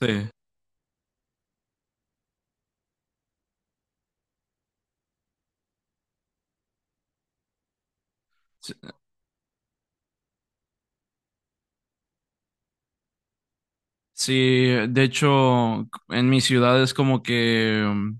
Sí, sí, sí, de hecho, en mi ciudad es como que,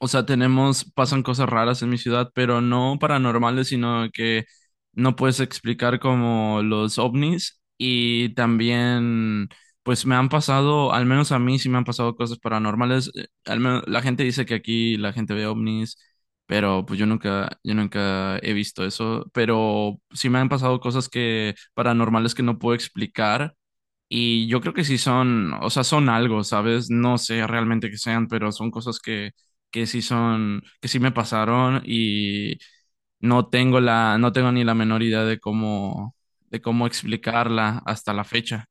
o sea, tenemos, pasan cosas raras en mi ciudad, pero no paranormales, sino que no puedes explicar como los ovnis y también, pues me han pasado, al menos a mí sí me han pasado cosas paranormales, al menos la gente dice que aquí la gente ve ovnis, pero pues yo nunca he visto eso, pero sí me han pasado cosas que paranormales que no puedo explicar. Y yo creo que sí son, o sea, son algo, ¿sabes? No sé realmente qué sean, pero son cosas que sí son, que sí me pasaron y no tengo ni la menor idea de cómo explicarla hasta la fecha.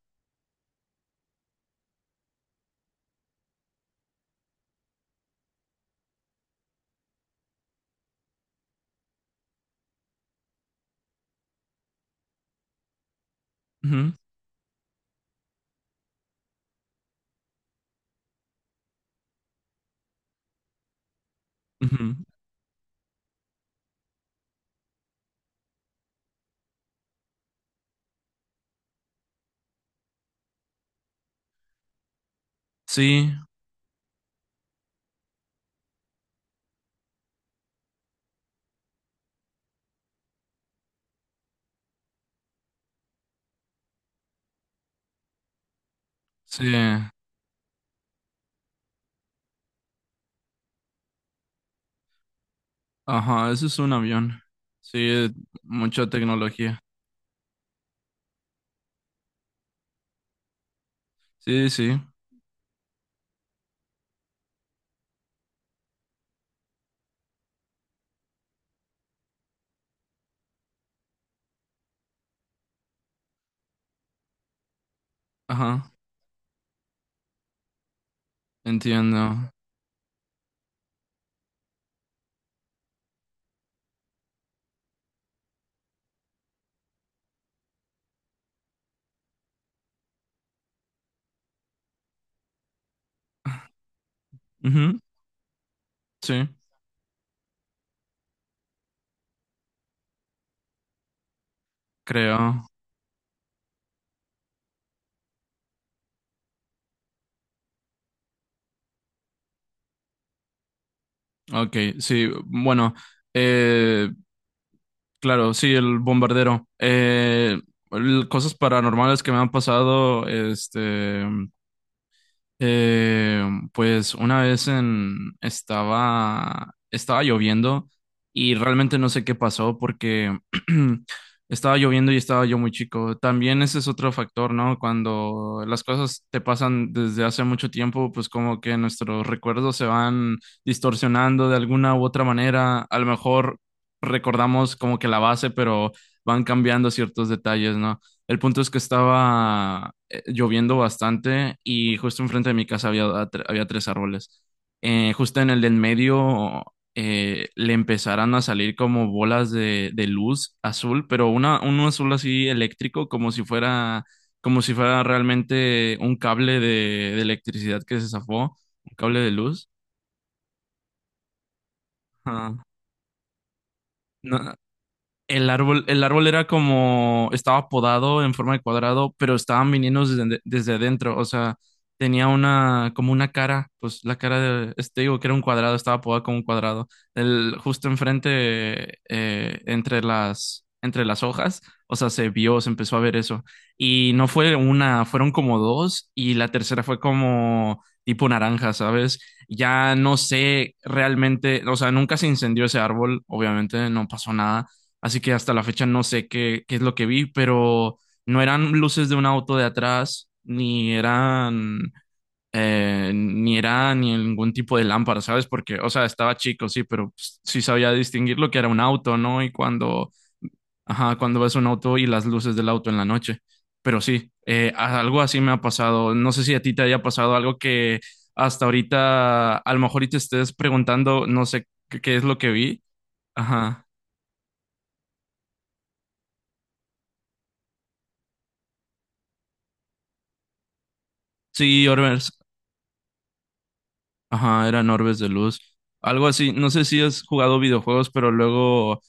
Ujú, ujú. Sí, sí, ajá, eso es un avión. Sí, mucha tecnología. Sí, sí, ajá, entiendo. Ujú, sí, creo. Ok, sí, bueno. Eh, Claro, sí, el bombardero. Cosas paranormales que me han pasado, este. Eh, pues una vez en, estaba lloviendo y realmente no sé qué pasó porque estaba lloviendo y estaba yo muy chico. También ese es otro factor, ¿no? Cuando las cosas te pasan desde hace mucho tiempo, pues como que nuestros recuerdos se van distorsionando de alguna u otra manera. A lo mejor recordamos como que la base, pero van cambiando ciertos detalles, ¿no? El punto es que estaba lloviendo bastante y justo enfrente de mi casa había, había tres árboles. Justo en el del medio le empezaron a salir como bolas de luz azul, pero una, un azul así eléctrico, como si fuera realmente un cable de electricidad que se zafó, un cable de luz. Ajá. No, el árbol, el árbol era como, estaba podado en forma de cuadrado, pero estaban viniendo desde, desde adentro, o sea, tenía una, como una cara, pues la cara de, este digo que era un cuadrado, estaba podado como un cuadrado. El, justo enfrente, entre las hojas, o sea, se empezó a ver eso. Y no fue una, fueron como dos, y la tercera fue como tipo naranja, ¿sabes? Ya no sé realmente, o sea, nunca se incendió ese árbol, obviamente, no pasó nada. Así que hasta la fecha no sé qué, qué es lo que vi, pero no eran luces de un auto de atrás, ni eran, ni ningún tipo de lámpara, ¿sabes? Porque, o sea, estaba chico, sí, pero pues, sí sabía distinguir lo que era un auto, ¿no? Y cuando, ajá, cuando ves un auto y las luces del auto en la noche. Pero sí, algo así me ha pasado. No sé si a ti te haya pasado algo que hasta ahorita, a lo mejor y te estés preguntando, no sé qué, qué es lo que vi. Ajá. Sí, Orbers. Ajá, eran orbes de luz. Algo así. No sé si has jugado videojuegos, pero luego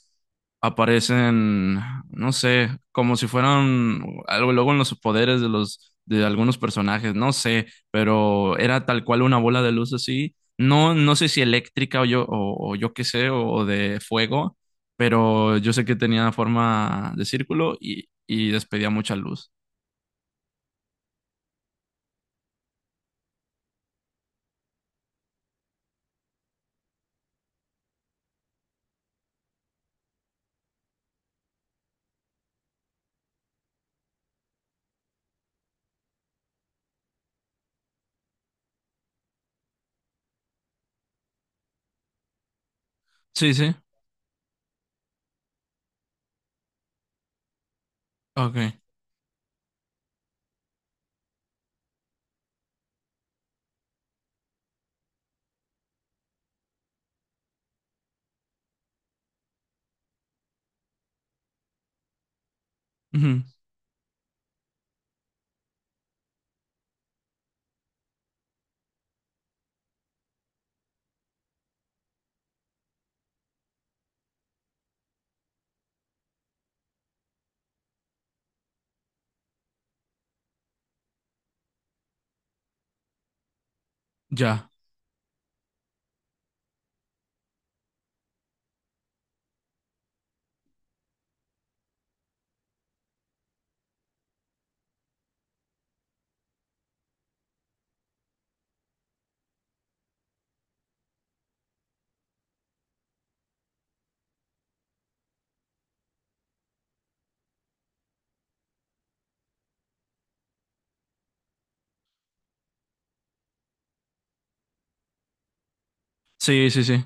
aparecen, no sé, como si fueran algo luego en los poderes de los de algunos personajes, no sé, pero era tal cual una bola de luz así. No, no sé si eléctrica o yo qué sé, o de fuego, pero yo sé que tenía forma de círculo y despedía mucha luz. Sí, sí. Ok. Ujú. Ya. Sí, sí, sí.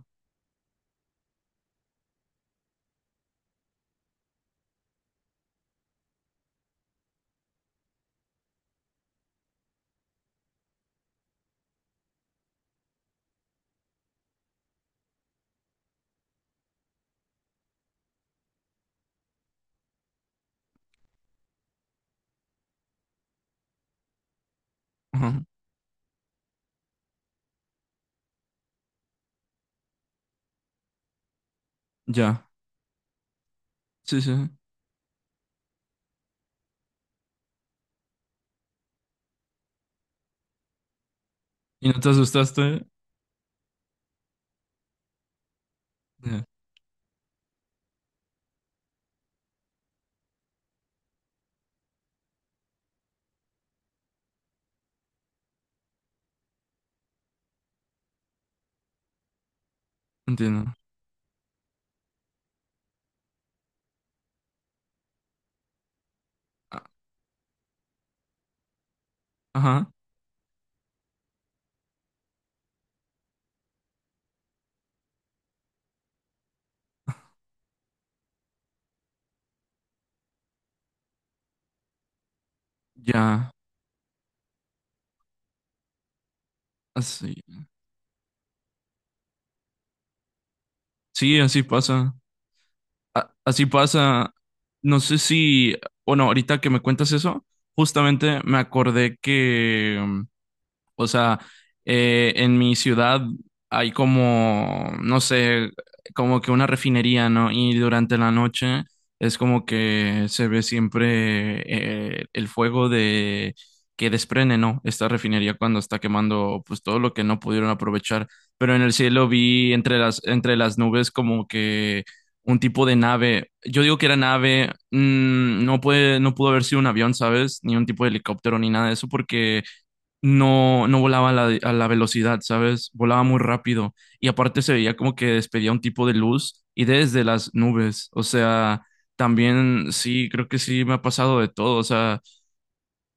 Ajá. Ya. Sí, sí. ¿Y no te asustaste? Ya, entiendo. A- ajá, ya. Así. Sí, así pasa. A- así pasa. No sé si, bueno, ahorita que me cuentas eso, justamente me acordé que o sea, en mi ciudad hay como, no sé, como que una refinería, ¿no? Y durante la noche es como que se ve siempre el fuego de que desprende, ¿no? Esta refinería cuando está quemando, pues todo lo que no pudieron aprovechar. Pero en el cielo vi entre las nubes como que un tipo de nave. Yo digo que era nave, no pudo haber sido un avión, ¿sabes? Ni un tipo de helicóptero ni nada de eso porque no, no volaba a la velocidad, ¿sabes? Volaba muy rápido y aparte se veía como que despedía un tipo de luz y desde las nubes, o sea, también sí, creo que sí me ha pasado de todo, o sea,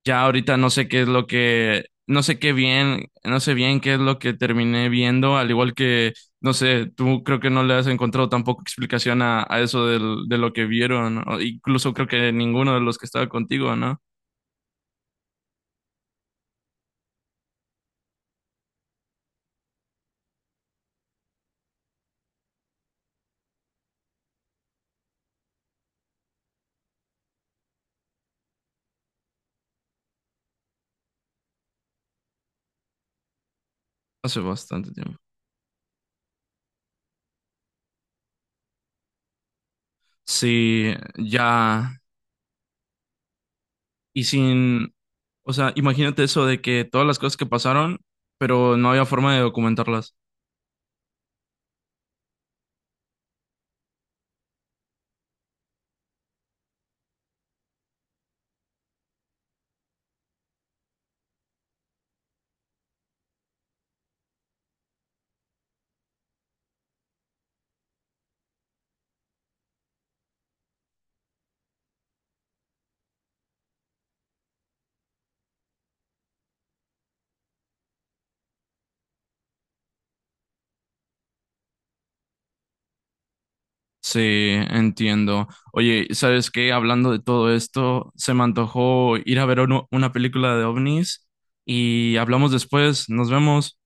ya ahorita no sé qué es lo que, no sé qué bien, no sé bien qué es lo que terminé viendo, al igual que, no sé, tú creo que no le has encontrado tampoco explicación a eso de lo que vieron, ¿no? Incluso creo que ninguno de los que estaba contigo, ¿no? Hace bastante tiempo. Sí, ya. Y sin, o sea, imagínate eso de que todas las cosas que pasaron, pero no había forma de documentarlas. Sí, entiendo. Oye, ¿sabes qué? Hablando de todo esto, se me antojó ir a ver una película de ovnis y hablamos después. Nos vemos.